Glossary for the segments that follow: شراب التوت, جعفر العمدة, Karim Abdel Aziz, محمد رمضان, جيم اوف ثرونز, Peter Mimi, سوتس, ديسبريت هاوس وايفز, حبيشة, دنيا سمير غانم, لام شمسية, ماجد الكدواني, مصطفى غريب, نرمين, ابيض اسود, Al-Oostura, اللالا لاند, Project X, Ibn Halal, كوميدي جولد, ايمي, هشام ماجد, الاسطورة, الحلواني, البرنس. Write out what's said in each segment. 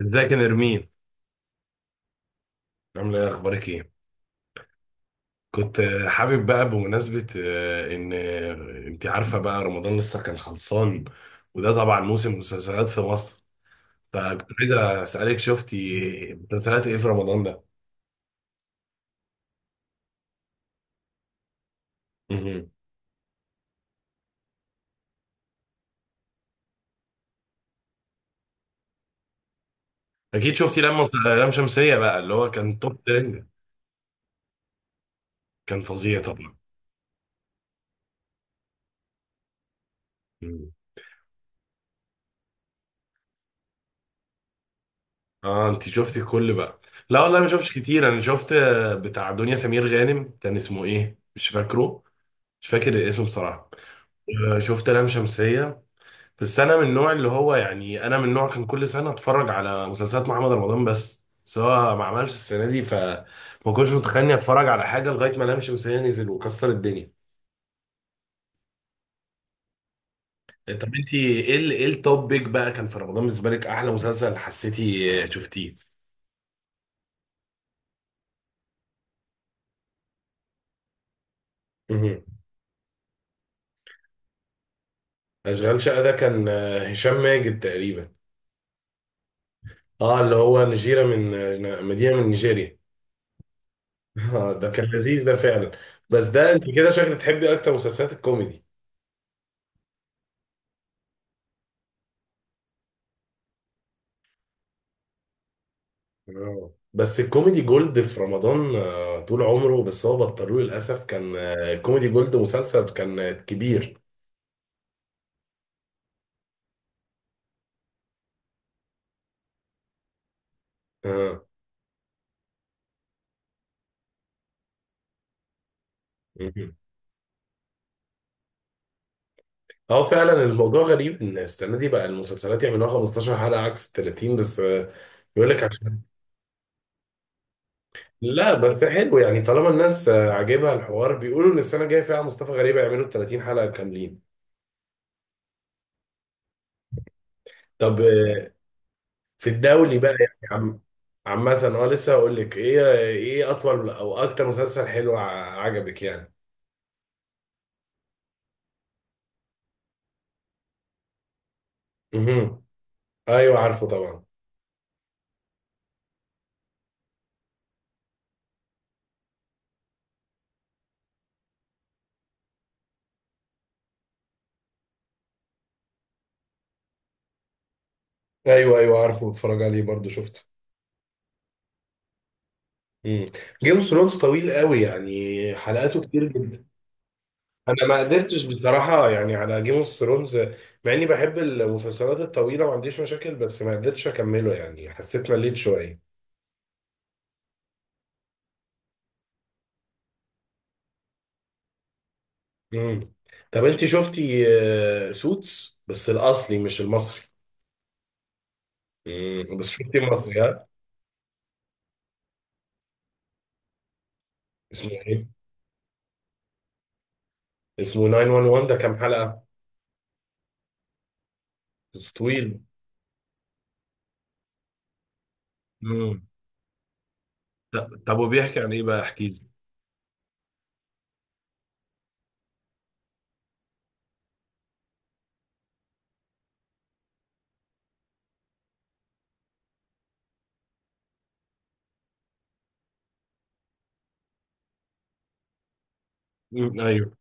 ازيك يا نرمين؟ عامله ايه؟ اخبارك ايه؟ كنت حابب بقى بمناسبه ان انت عارفه بقى رمضان لسه كان خلصان. وده طبعا موسم مسلسلات في مصر. فكنت عايز اسالك، شفتي مسلسلات ايه في رمضان ده؟ مهم. اكيد شفتي لام شمسيه بقى اللي هو كان توب ترند. كان فظيع طبعا. مم. اه، انت شفتي كل بقى؟ لا والله، ما شفتش كتير. انا شفت بتاع دنيا سمير غانم، كان اسمه ايه؟ مش فاكره. مش فاكر الاسم بصراحه. شفت لام شمسيه. بس انا من النوع اللي هو يعني انا من النوع كان كل سنه اتفرج على مسلسلات محمد رمضان بس، سواء ما عملش السنه دي، فما كنتش متخيل اني اتفرج على حاجه لغايه ما لام شمسية نزل وكسر الدنيا. طب انت ايه التوب بيك بقى كان في رمضان، بالنسبه لك احلى مسلسل حسيتي شفتيه؟ مهم. اشغال شقه ده كان هشام ماجد تقريبا. اه، اللي هو نجيره من مدينه من نيجيريا. ده كان لذيذ ده فعلا. بس ده انت كده شكلك تحبي اكتر مسلسلات الكوميدي. آه. بس الكوميدي جولد في رمضان طول عمره، بس هو بطلوه للأسف. كان كوميدي جولد مسلسل كان كبير. اه. مهم. اه، فعلا الموضوع غريب ان السنة دي بقى المسلسلات يعملوها 15 حلقة عكس 30 بس. يقول لك عشان. لا بس حلو يعني، طالما الناس عاجبها الحوار بيقولوا ان السنة الجاية فيها مصطفى غريب يعملوا 30 حلقة كاملين. طب في الدولي بقى يعني عم. عامة اه، لسه هقول لك ايه اطول او اكتر مسلسل حلو عجبك يعني. مهم. ايوه، عارفه طبعا. ايوه، ايوه، عارفه، بتفرج عليه برضو شفته. امم. جيم اوف ثرونز طويل قوي، يعني حلقاته كتير جدا. انا ما قدرتش بصراحه يعني على جيم اوف ثرونز. مع اني بحب المسلسلات الطويله، ما عنديش مشاكل، بس ما قدرتش اكمله يعني حسيت مليت شويه. امم. طب انت شفتي سوتس، بس الاصلي مش المصري. بس شفتي المصري، ها؟ اسمه ايه؟ اسمه 911، ده كام حلقه؟ بس طويل؟ امم. طب، طب، وبيحكي عن ايه بقى؟ احكي. مم، ايوه.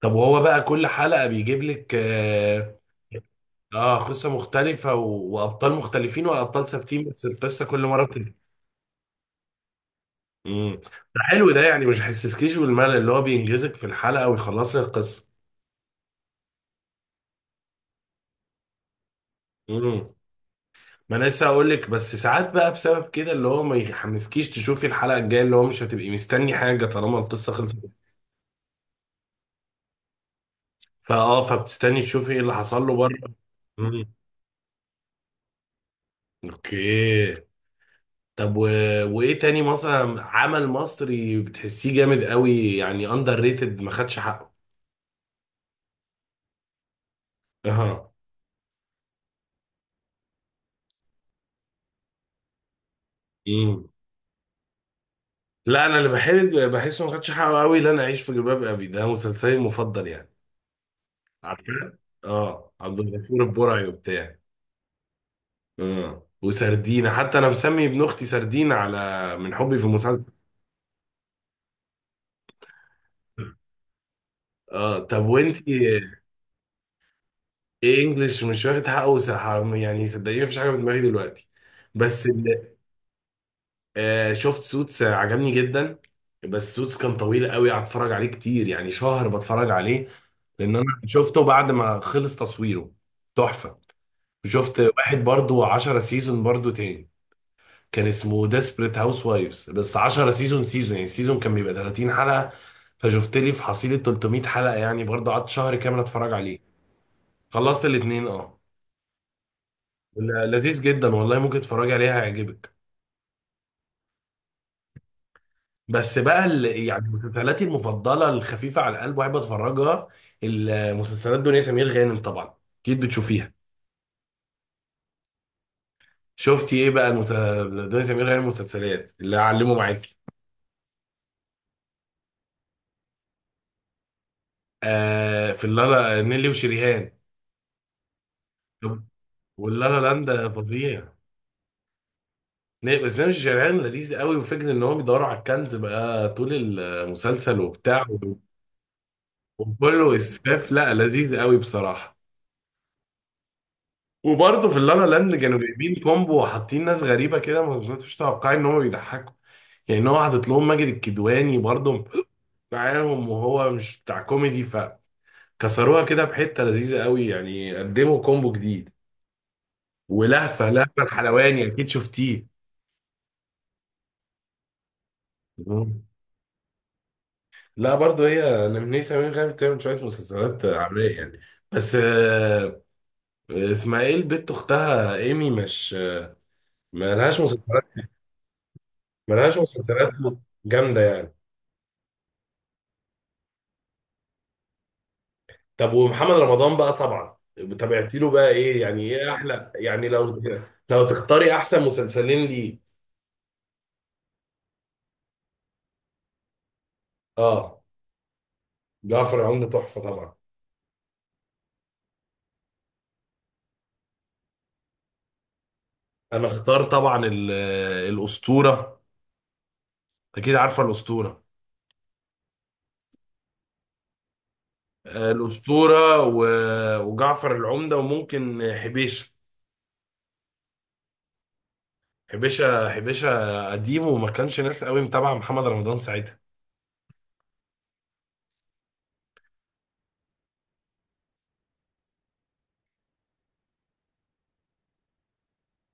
طب وهو بقى كل حلقة بيجيب لك اه؟ قصة مختلفة وابطال مختلفين، والابطال ثابتين، بس القصة كل مرة بتبقى. امم. ده حلو ده، يعني مش هيحسسكيش بالملل، اللي هو بينجزك في الحلقة ويخلص لك القصة. امم. ما انا لسه هقول لك، بس ساعات بقى بسبب كده اللي هو ما يحمسكيش تشوفي الحلقة الجاية، اللي هو مش هتبقي مستني حاجة طالما القصة خلصت. فاه، فبتستني تشوفي ايه اللي حصل له بره. امم. اوكي. طب وايه تاني مثلا عمل مصري بتحسيه جامد قوي، يعني اندر ريتد، ما خدش حقه؟ اها. امم. لا، انا اللي بحس بحسه ما خدش حقه قوي. لا، انا اعيش في جلباب ابي ده مسلسلي المفضل يعني. عارفه؟ اه، عبد الغفور البرعي وبتاع. اه، وسردينة، حتى انا مسمي ابن اختي سردينة على من حبي في المسلسل. اه، طب وانتي؟ ايه انجلش مش واخد حقه يعني صدقيني مفيش حاجه في دماغي دلوقتي. بس شفت سوتس، عجبني جدا. بس سوتس كان طويل قوي، قعدت اتفرج عليه كتير، يعني شهر بتفرج عليه. لان انا شفته بعد ما خلص تصويره. تحفة. شفت واحد برضو 10 سيزون برضو تاني. كان اسمه ديسبريت هاوس وايفز، بس 10 سيزون، سيزون يعني السيزون كان بيبقى 30 حلقة. فشفت لي في حصيلة 300 حلقة، يعني برضو قعدت شهر كامل اتفرج عليه. خلصت الاتنين، اه. لذيذ جدا والله، ممكن تتفرج عليها هيعجبك. بس بقى يعني مسلسلاتي المفضله الخفيفه على القلب واحب اتفرجها. المسلسلات دنيا سمير غانم طبعا، اكيد بتشوفيها. شفتي ايه بقى دنيا سمير غانم مسلسلات اللي هعلمه معاكي؟ في اللالا، نيلي وشريهان. طب واللالا لاند ده فظيع. بس نيلي وشريهان لذيذ قوي، وفكرة ان هم بيدوروا على الكنز بقى طول المسلسل وبتاع وكله اسفاف. لا، لذيذ قوي بصراحه. وبرضه في اللالا لاند كانوا جايبين كومبو وحاطين ناس غريبه كده، ما كنتش متوقعين ان هم بيضحكوا. يعني ان هو حاطط لهم ماجد الكدواني برضه معاهم، وهو مش بتاع كوميدي، فكسروها كده بحته، لذيذه قوي يعني، قدموا كومبو جديد. ولهفه لهفه الحلواني، اكيد شفتيه؟ مم. لا برضه هي نمنيه سمير غانم بتعمل شويه مسلسلات عاميه يعني. بس اسمها ايه البت اختها ايمي؟ مش مالهاش مسلسلات؟ مالهاش مسلسلات جامده يعني. طب ومحمد رمضان بقى طبعا، تابعتي له بقى ايه؟ يعني ايه احلى، يعني لو تختاري احسن مسلسلين ليه؟ اه، جعفر العمدة تحفة طبعا. انا اختار طبعا الاسطورة. اكيد عارفة الاسطورة. الاسطورة و- وجعفر العمدة، وممكن حبيش. حبيشة قديم وما كانش ناس قوي متابعة محمد رمضان ساعتها.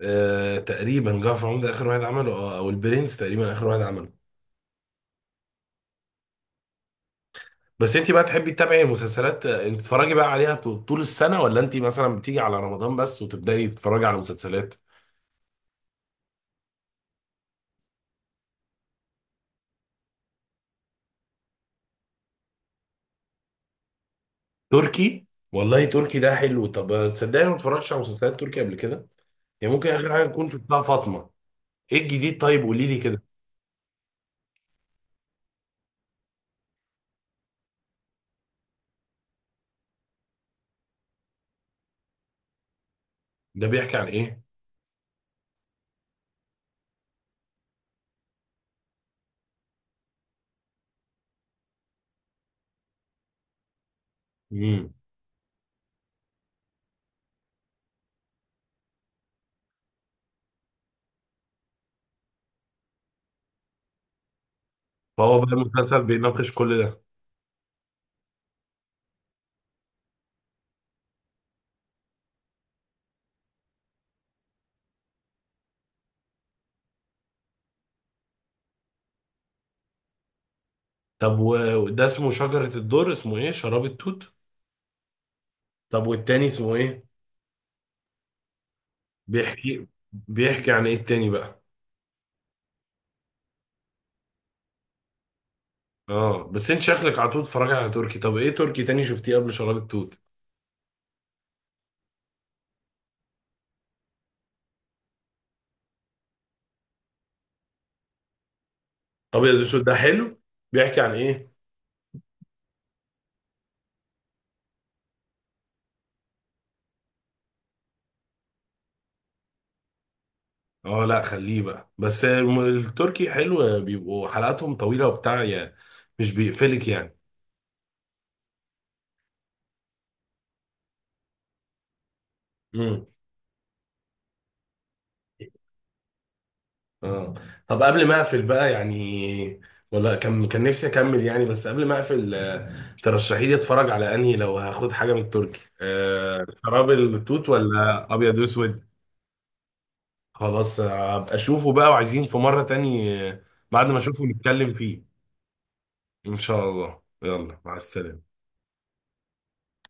تقريبا جعفر العمدة اخر واحد عمله، او البرنس تقريبا اخر واحد عمله. بس انت بقى تحبي تتابعي مسلسلات، انت تتفرجي بقى عليها طول السنة، ولا انت مثلا بتيجي على رمضان بس وتبدأي تتفرجي على مسلسلات؟ تركي؟ والله تركي ده حلو. طب تصدقني، ما اتفرجتش على مسلسلات تركي قبل كده. يعني ممكن اخر حاجة اكون شفتها فاطمة. ايه الجديد؟ طيب قولي لي كده. ده بيحكي عن ايه؟ امم. فهو بقى المسلسل بيناقش كل ده؟ طب و- وده اسمه شجرة الدر؟ اسمه ايه؟ شراب التوت؟ طب والتاني اسمه ايه؟ بيحكي بيحكي عن ايه التاني بقى؟ اه، بس انت شكلك على طول بتتفرج على تركي. طب ايه تركي تاني شفتيه قبل شراب التوت؟ ابيض اسود ده حلو. بيحكي عن ايه؟ اه لا، خليه بقى. بس التركي حلو، بيبقوا حلقاتهم طويله وبتاع يعني، مش بيقفلك يعني. امم. اه، طب قبل ما اقفل بقى يعني، ولا كان نفسي اكمل يعني، بس قبل ما اقفل ترشحي لي اتفرج على انهي، لو هاخد حاجه من التركي، شراب التوت ولا ابيض اسود؟ خلاص، ابقى اشوفه بقى، وعايزين في مرة تاني بعد ما اشوفه نتكلم فيه. ان شاء الله، يلا مع السلامة.